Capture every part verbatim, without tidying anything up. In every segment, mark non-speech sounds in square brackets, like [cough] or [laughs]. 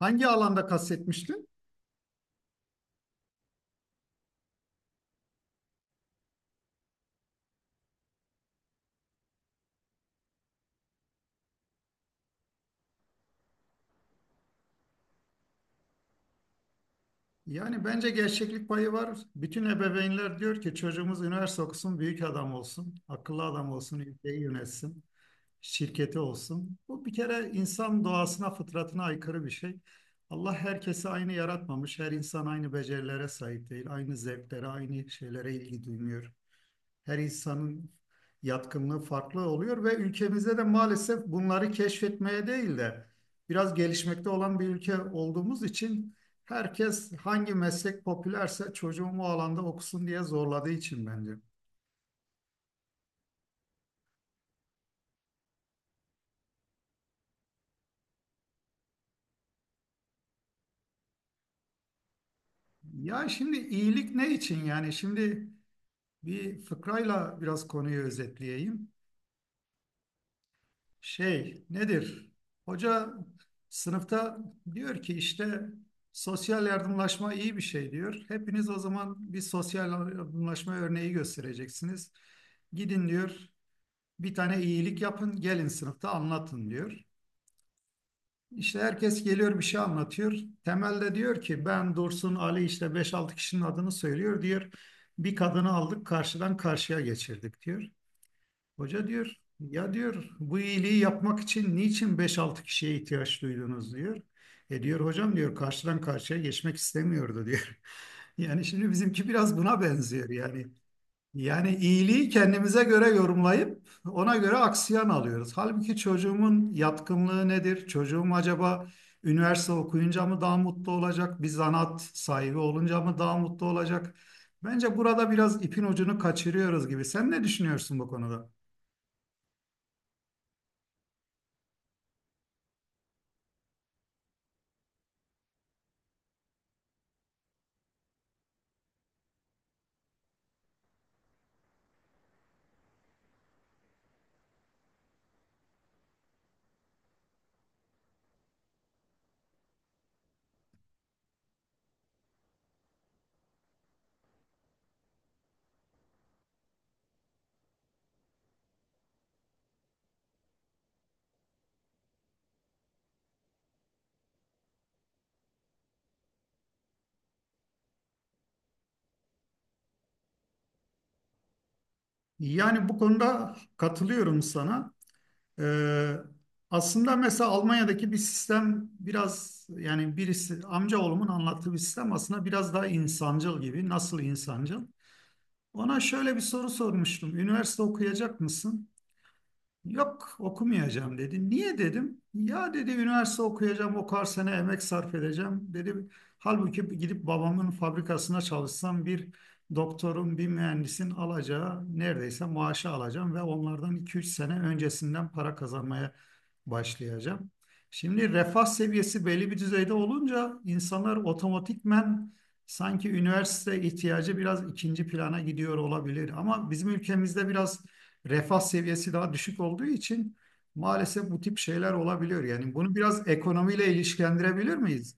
Hangi alanda kastetmiştin? Yani bence gerçeklik payı var. Bütün ebeveynler diyor ki çocuğumuz üniversite okusun, büyük adam olsun, akıllı adam olsun, ülkeyi yönetsin, şirketi olsun. Bu bir kere insan doğasına, fıtratına aykırı bir şey. Allah herkesi aynı yaratmamış. Her insan aynı becerilere sahip değil, aynı zevklere, aynı şeylere ilgi duymuyor. Her insanın yatkınlığı farklı oluyor ve ülkemizde de maalesef bunları keşfetmeye değil de biraz gelişmekte olan bir ülke olduğumuz için herkes hangi meslek popülerse çocuğum o alanda okusun diye zorladığı için bence. Ya şimdi iyilik ne için yani? Şimdi bir fıkrayla biraz konuyu özetleyeyim. Şey nedir? Hoca sınıfta diyor ki işte sosyal yardımlaşma iyi bir şey diyor. Hepiniz o zaman bir sosyal yardımlaşma örneği göstereceksiniz. Gidin diyor bir tane iyilik yapın gelin sınıfta anlatın diyor. İşte herkes geliyor bir şey anlatıyor. Temelde diyor ki ben Dursun Ali işte beş altı kişinin adını söylüyor diyor. Bir kadını aldık karşıdan karşıya geçirdik diyor. Hoca diyor ya diyor bu iyiliği yapmak için niçin beş altı kişiye ihtiyaç duydunuz diyor. E diyor hocam diyor karşıdan karşıya geçmek istemiyordu diyor. [laughs] Yani şimdi bizimki biraz buna benziyor yani. Yani iyiliği kendimize göre yorumlayıp ona göre aksiyon alıyoruz. Halbuki çocuğumun yatkınlığı nedir? Çocuğum acaba üniversite okuyunca mı daha mutlu olacak? Bir zanaat sahibi olunca mı daha mutlu olacak? Bence burada biraz ipin ucunu kaçırıyoruz gibi. Sen ne düşünüyorsun bu konuda? Yani bu konuda katılıyorum sana. Ee, aslında mesela Almanya'daki bir sistem biraz yani birisi amcaoğlumun anlattığı bir sistem aslında biraz daha insancıl gibi. Nasıl insancıl? Ona şöyle bir soru sormuştum. Üniversite okuyacak mısın? Yok okumayacağım dedi. Niye dedim? Ya dedi üniversite okuyacağım o kadar sene emek sarf edeceğim. Dedim halbuki gidip babamın fabrikasına çalışsam bir doktorun bir mühendisin alacağı neredeyse maaşı alacağım ve onlardan iki üç sene öncesinden para kazanmaya başlayacağım. Şimdi refah seviyesi belli bir düzeyde olunca insanlar otomatikmen sanki üniversite ihtiyacı biraz ikinci plana gidiyor olabilir. Ama bizim ülkemizde biraz refah seviyesi daha düşük olduğu için maalesef bu tip şeyler olabiliyor. Yani bunu biraz ekonomiyle ilişkilendirebilir miyiz?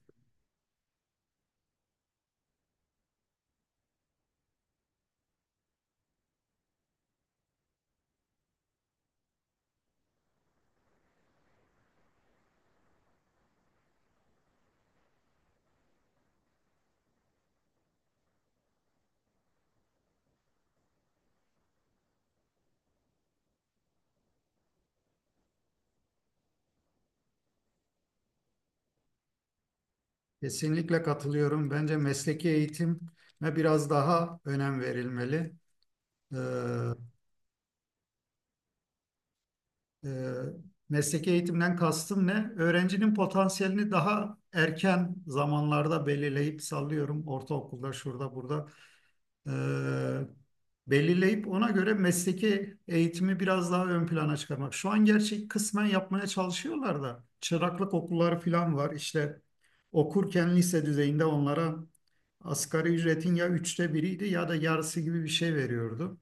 Kesinlikle katılıyorum. Bence mesleki eğitime biraz daha önem verilmeli. Ee, e, mesleki eğitimden kastım ne? Öğrencinin potansiyelini daha erken zamanlarda belirleyip sallıyorum. Ortaokulda, şurada, burada e, belirleyip ona göre mesleki eğitimi biraz daha ön plana çıkarmak. Şu an gerçi kısmen yapmaya çalışıyorlar da çıraklık okulları falan var. İşte okurken lise düzeyinde onlara asgari ücretin ya üçte biriydi ya da yarısı gibi bir şey veriyordu.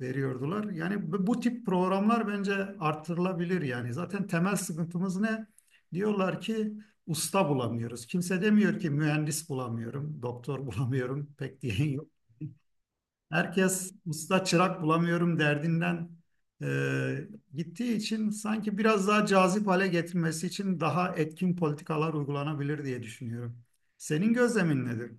Veriyordular. Yani bu bu tip programlar bence artırılabilir yani. Zaten temel sıkıntımız ne? Diyorlar ki usta bulamıyoruz. Kimse demiyor ki mühendis bulamıyorum, doktor [laughs] bulamıyorum pek diyen. Herkes usta çırak bulamıyorum derdinden e, gittiği için sanki biraz daha cazip hale getirmesi için daha etkin politikalar uygulanabilir diye düşünüyorum. Senin gözlemin nedir?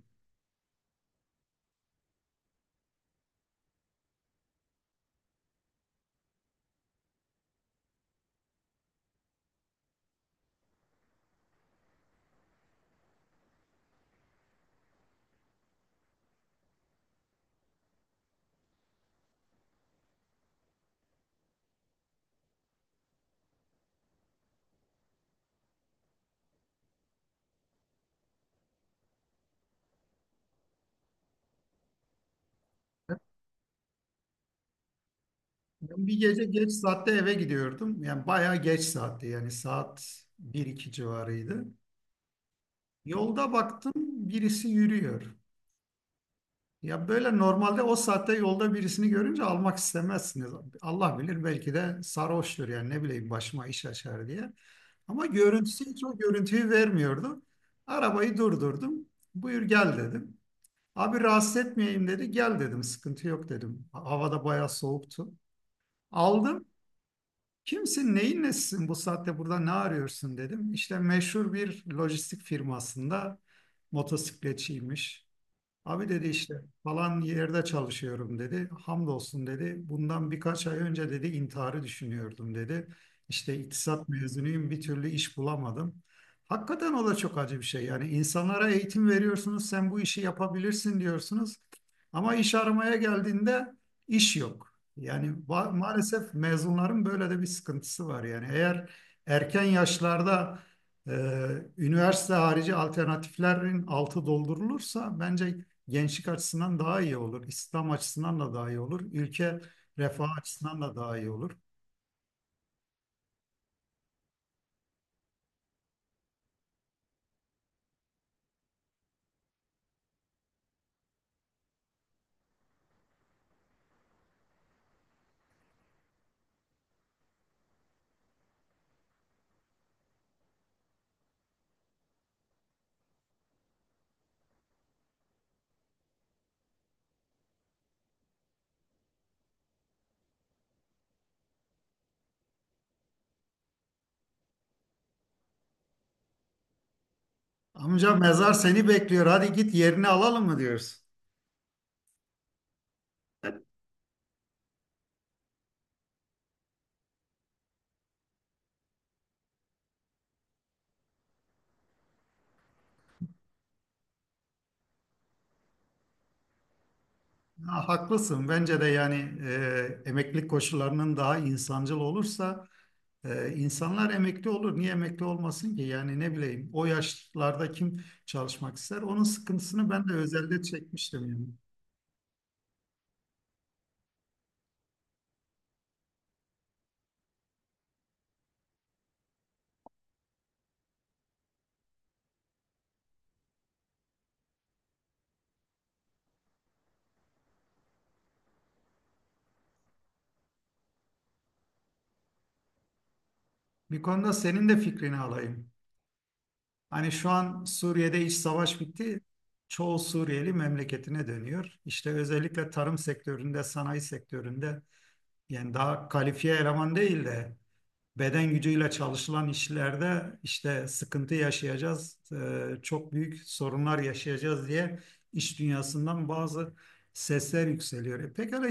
Ben bir gece geç saatte eve gidiyordum. Yani bayağı geç saatti yani saat bir iki civarıydı. Yolda baktım birisi yürüyor. Ya böyle normalde o saatte yolda birisini görünce almak istemezsiniz. Allah bilir belki de sarhoştur yani ne bileyim başıma iş açar diye. Ama görüntüsü hiç o görüntüyü vermiyordu. Arabayı durdurdum. Buyur gel dedim. Abi rahatsız etmeyeyim dedi. Gel dedim sıkıntı yok dedim. Havada bayağı soğuktu. Aldım. Kimsin neyin nesisin bu saatte burada ne arıyorsun dedim. İşte meşhur bir lojistik firmasında motosikletçiymiş. Abi dedi işte falan yerde çalışıyorum dedi. Hamdolsun dedi. Bundan birkaç ay önce dedi intiharı düşünüyordum dedi. İşte iktisat mezunuyum bir türlü iş bulamadım. Hakikaten o da çok acı bir şey. Yani insanlara eğitim veriyorsunuz sen bu işi yapabilirsin diyorsunuz. Ama iş aramaya geldiğinde iş yok. Yani va- maalesef mezunların böyle de bir sıkıntısı var. Yani eğer erken yaşlarda e, üniversite harici alternatiflerin altı doldurulursa bence gençlik açısından daha iyi olur. İslam açısından da daha iyi olur. Ülke refah açısından da daha iyi olur. Amca mezar seni bekliyor. Hadi git yerini alalım mı diyoruz. Ha, haklısın. Bence de yani e, emeklilik koşullarının daha insancıl olursa ee, insanlar emekli olur. Niye emekli olmasın ki? Yani ne bileyim o yaşlarda kim çalışmak ister? Onun sıkıntısını ben de özelde çekmiştim yani. Bir konuda senin de fikrini alayım. Hani şu an Suriye'de iç savaş bitti. Çoğu Suriyeli memleketine dönüyor. İşte özellikle tarım sektöründe, sanayi sektöründe yani daha kalifiye eleman değil de beden gücüyle çalışılan işlerde işte sıkıntı yaşayacağız, e, çok büyük sorunlar yaşayacağız diye iş dünyasından bazı sesler yükseliyor. E pekala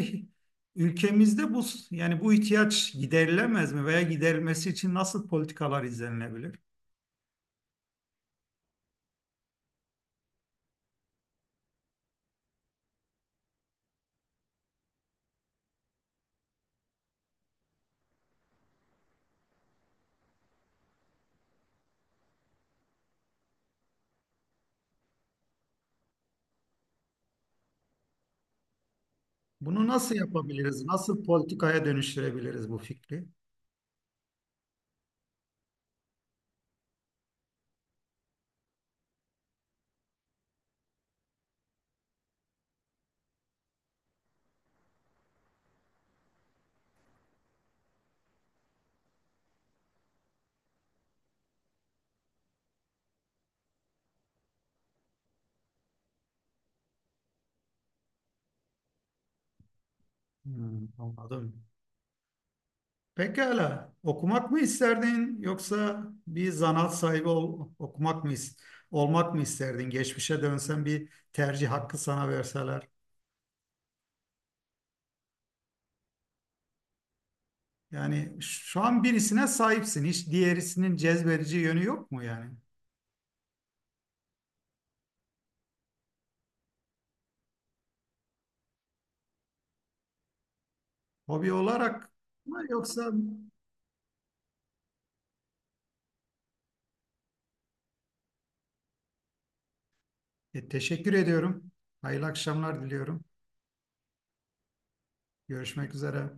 ülkemizde bu yani bu ihtiyaç giderilemez mi veya giderilmesi için nasıl politikalar izlenilebilir? Bunu nasıl yapabiliriz? Nasıl politikaya dönüştürebiliriz bu fikri? Hmm, anladım. Pekala. Okumak mı isterdin yoksa bir zanaat sahibi ol- okumak mı is- olmak mı isterdin? Geçmişe dönsen bir tercih hakkı sana verseler. Yani şu an birisine sahipsin. Hiç diğerisinin cezbedici yönü yok mu yani? Hobi olarak mı yoksa E, teşekkür ediyorum. Hayırlı akşamlar diliyorum. Görüşmek üzere.